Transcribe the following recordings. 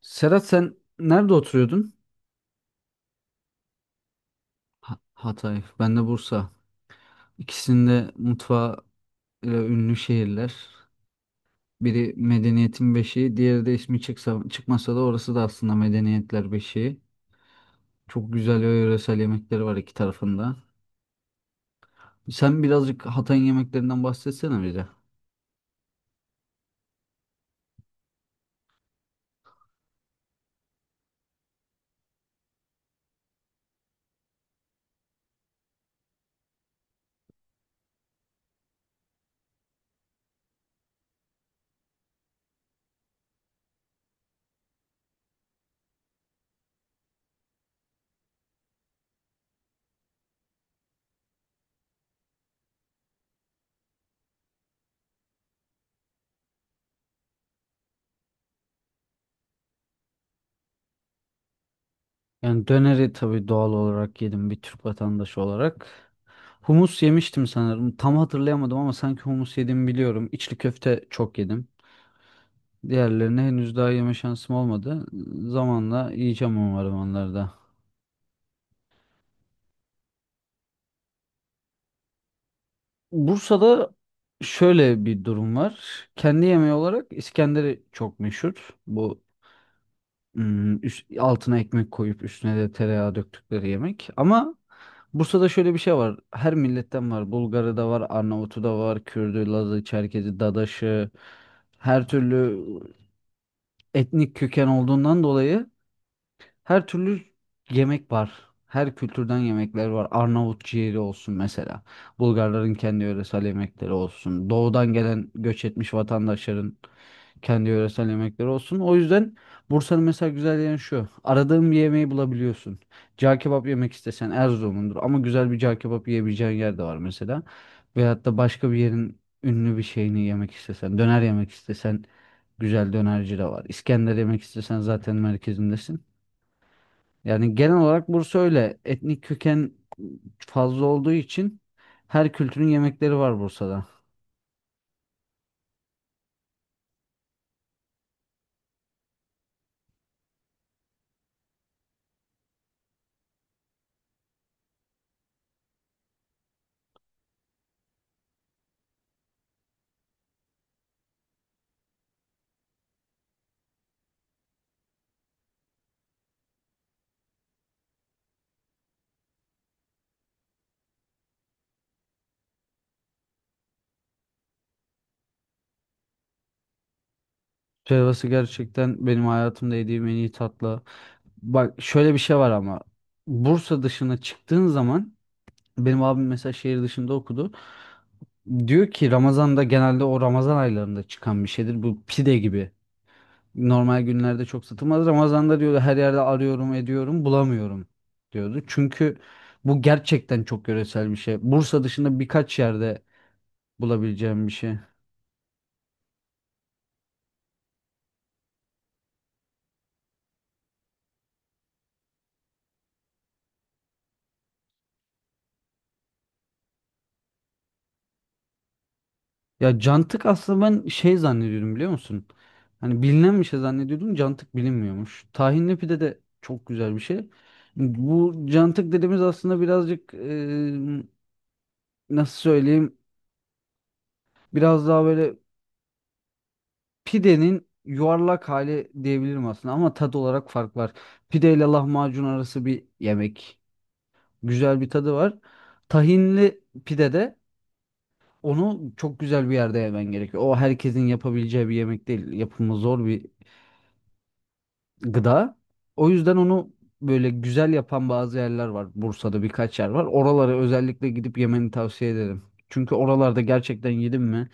Serhat sen nerede oturuyordun? Hatay, ben de Bursa. İkisinde mutfağı ile ünlü şehirler. Biri medeniyetin beşiği, diğeri de ismi çıksa, çıkmasa da orası da aslında medeniyetler beşiği. Çok güzel ve yöresel yemekleri var iki tarafında. Sen birazcık Hatay'ın yemeklerinden bahsetsene bize. Yani döneri tabii doğal olarak yedim bir Türk vatandaşı olarak. Humus yemiştim sanırım. Tam hatırlayamadım ama sanki humus yediğimi biliyorum. İçli köfte çok yedim. Diğerlerine henüz daha yeme şansım olmadı. Zamanla yiyeceğim umarım onları da. Bursa'da şöyle bir durum var. Kendi yemeği olarak İskender'i çok meşhur. Bu altına ekmek koyup üstüne de tereyağı döktükleri yemek. Ama Bursa'da şöyle bir şey var. Her milletten var. Bulgarı da var, Arnavutu da var, Kürdü, Lazı, Çerkezi, Dadaşı. Her türlü etnik köken olduğundan dolayı her türlü yemek var. Her kültürden yemekler var. Arnavut ciğeri olsun mesela. Bulgarların kendi yöresel yemekleri olsun. Doğudan gelen göç etmiş vatandaşların kendi yöresel yemekleri olsun. O yüzden Bursa'nın mesela güzel yanı şu. Aradığın bir yemeği bulabiliyorsun. Cağ kebap yemek istesen Erzurum'undur. Ama güzel bir cağ kebap yiyebileceğin yer de var mesela. Veyahut da başka bir yerin ünlü bir şeyini yemek istesen, döner yemek istesen güzel dönerci de var. İskender yemek istesen zaten merkezindesin. Yani genel olarak Bursa öyle. Etnik köken fazla olduğu için her kültürün yemekleri var Bursa'da. Helvası gerçekten benim hayatımda yediğim en iyi tatlı. Bak şöyle bir şey var ama Bursa dışına çıktığın zaman benim abim mesela şehir dışında okudu. Diyor ki Ramazan'da genelde o Ramazan aylarında çıkan bir şeydir. Bu pide gibi. Normal günlerde çok satılmaz. Ramazan'da diyordu her yerde arıyorum ediyorum bulamıyorum diyordu. Çünkü bu gerçekten çok yöresel bir şey. Bursa dışında birkaç yerde bulabileceğim bir şey. Ya cantık aslında ben şey zannediyordum biliyor musun? Hani bilinen bir şey zannediyordum cantık bilinmiyormuş. Tahinli pide de çok güzel bir şey. Bu cantık dediğimiz aslında birazcık nasıl söyleyeyim biraz daha böyle pidenin yuvarlak hali diyebilirim aslında ama tat olarak fark var. Pide ile lahmacun arası bir yemek. Güzel bir tadı var. Tahinli pide de onu çok güzel bir yerde yemen gerekiyor. O herkesin yapabileceği bir yemek değil. Yapımı zor bir gıda. O yüzden onu böyle güzel yapan bazı yerler var. Bursa'da birkaç yer var. Oralara özellikle gidip yemeni tavsiye ederim. Çünkü oralarda gerçekten yedim mi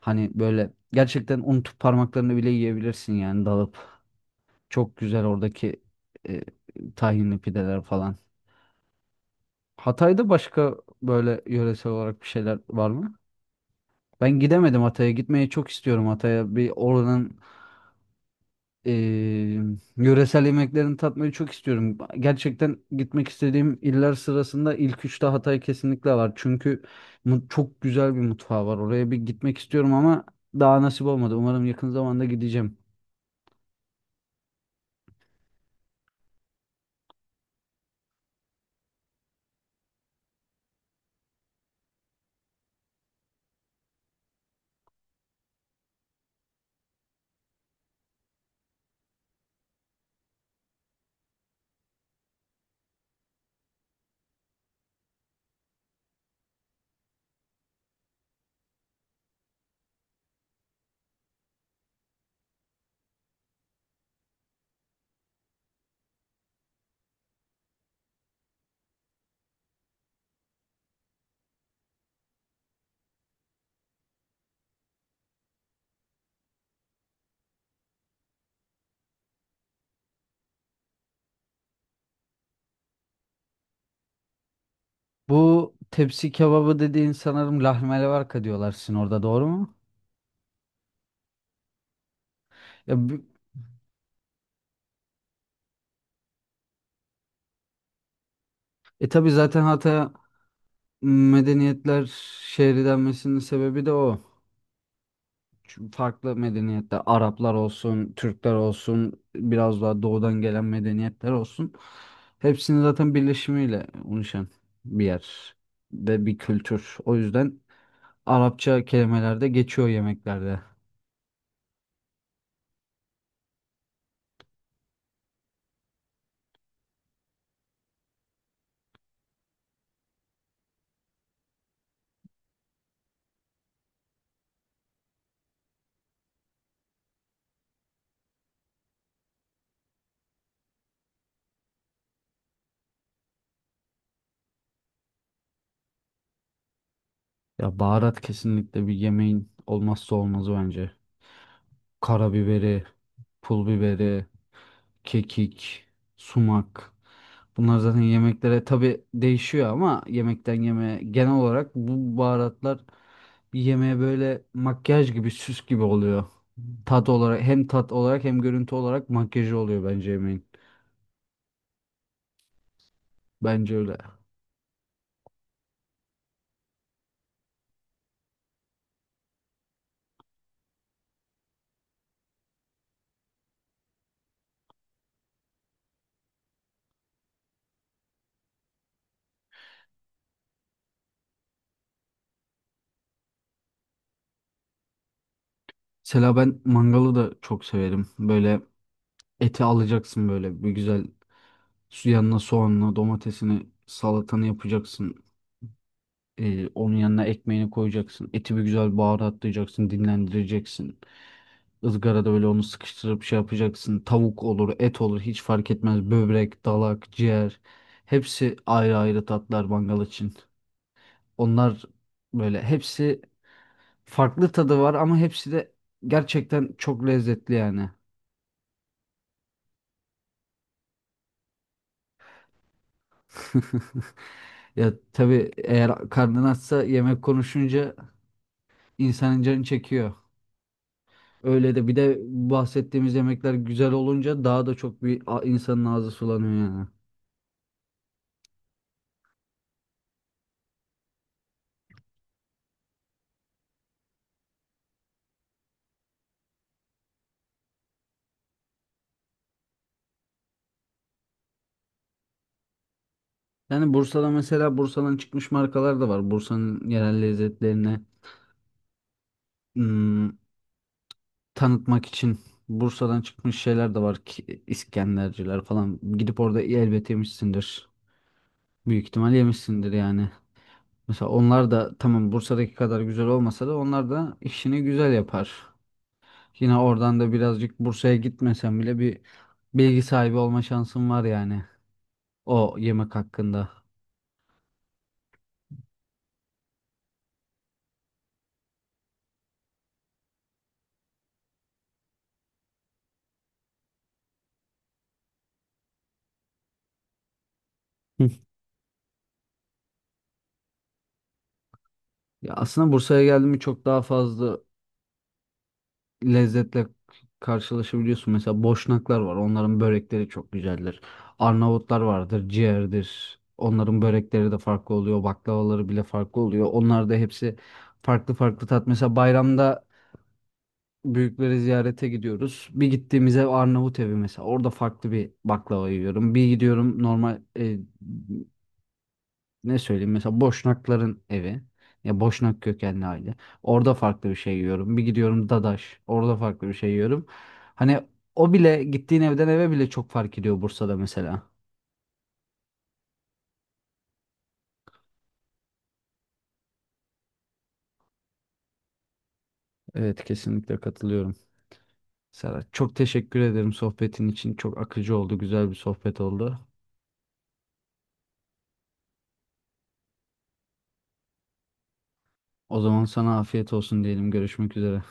hani böyle gerçekten unutup parmaklarını bile yiyebilirsin yani dalıp. Çok güzel oradaki e, tahinli pideler falan. Hatay'da başka böyle yöresel olarak bir şeyler var mı? Ben gidemedim Hatay'a. Gitmeyi çok istiyorum Hatay'a. Bir oranın e, yöresel yemeklerini tatmayı çok istiyorum. Gerçekten gitmek istediğim iller sırasında ilk üçte Hatay kesinlikle var. Çünkü çok güzel bir mutfağı var. Oraya bir gitmek istiyorum ama daha nasip olmadı. Umarım yakın zamanda gideceğim. Bu tepsi kebabı dediğin sanırım lahmelevarka diyorlar sizin orada doğru mu? Ya, tabii zaten Hatay medeniyetler şehri denmesinin sebebi de o. Çünkü farklı medeniyetler, Araplar olsun, Türkler olsun, biraz daha doğudan gelen medeniyetler olsun. Hepsinin zaten birleşimiyle oluşan bir yer ve bir kültür. O yüzden Arapça kelimeler de geçiyor yemeklerde. Ya baharat kesinlikle bir yemeğin olmazsa olmazı bence. Karabiberi, pul biberi, kekik, sumak. Bunlar zaten yemeklere tabii değişiyor ama yemekten yemeğe genel olarak bu baharatlar bir yemeğe böyle makyaj gibi, süs gibi oluyor. Tat olarak hem tat olarak hem görüntü olarak makyajı oluyor bence yemeğin. Bence öyle. Mesela ben mangalı da çok severim. Böyle eti alacaksın böyle bir güzel su yanına soğanını, domatesini, salatanı yapacaksın. Onun yanına ekmeğini koyacaksın. Eti bir güzel baharatlayacaksın, dinlendireceksin. Izgarada böyle onu sıkıştırıp şey yapacaksın. Tavuk olur, et olur hiç fark etmez. Böbrek, dalak, ciğer. Hepsi ayrı ayrı tatlar mangal için. Onlar böyle hepsi farklı tadı var ama hepsi de gerçekten çok lezzetli yani. Ya tabii eğer karnın açsa yemek konuşunca insanın canı çekiyor. Öyle de bir de bahsettiğimiz yemekler güzel olunca daha da çok bir insanın ağzı sulanıyor yani. Yani Bursa'da mesela Bursa'dan çıkmış markalar da var. Bursa'nın yerel lezzetlerini ım, tanıtmak için Bursa'dan çıkmış şeyler de var ki İskenderciler falan. Gidip orada elbet yemişsindir. Büyük ihtimal yemişsindir yani. Mesela onlar da tamam Bursa'daki kadar güzel olmasa da onlar da işini güzel yapar. Yine oradan da birazcık Bursa'ya gitmesem bile bir bilgi sahibi olma şansım var yani o yemek hakkında. Hı. Ya aslında Bursa'ya geldim çok daha fazla lezzetle karşılaşabiliyorsun. Mesela Boşnaklar var. Onların börekleri çok güzeldir. Arnavutlar vardır, ciğerdir. Onların börekleri de farklı oluyor. Baklavaları bile farklı oluyor. Onlar da hepsi farklı farklı tat. Mesela bayramda büyükleri ziyarete gidiyoruz. Bir gittiğimiz ev Arnavut evi mesela. Orada farklı bir baklava yiyorum. Bir gidiyorum normal ne söyleyeyim mesela Boşnakların evi ya Boşnak kökenli aile, orada farklı bir şey yiyorum, bir gidiyorum Dadaş, orada farklı bir şey yiyorum. Hani o bile gittiğin evden eve bile çok fark ediyor Bursa'da mesela. Evet kesinlikle katılıyorum. Serhat çok teşekkür ederim sohbetin için, çok akıcı oldu, güzel bir sohbet oldu. O zaman sana afiyet olsun diyelim, görüşmek üzere.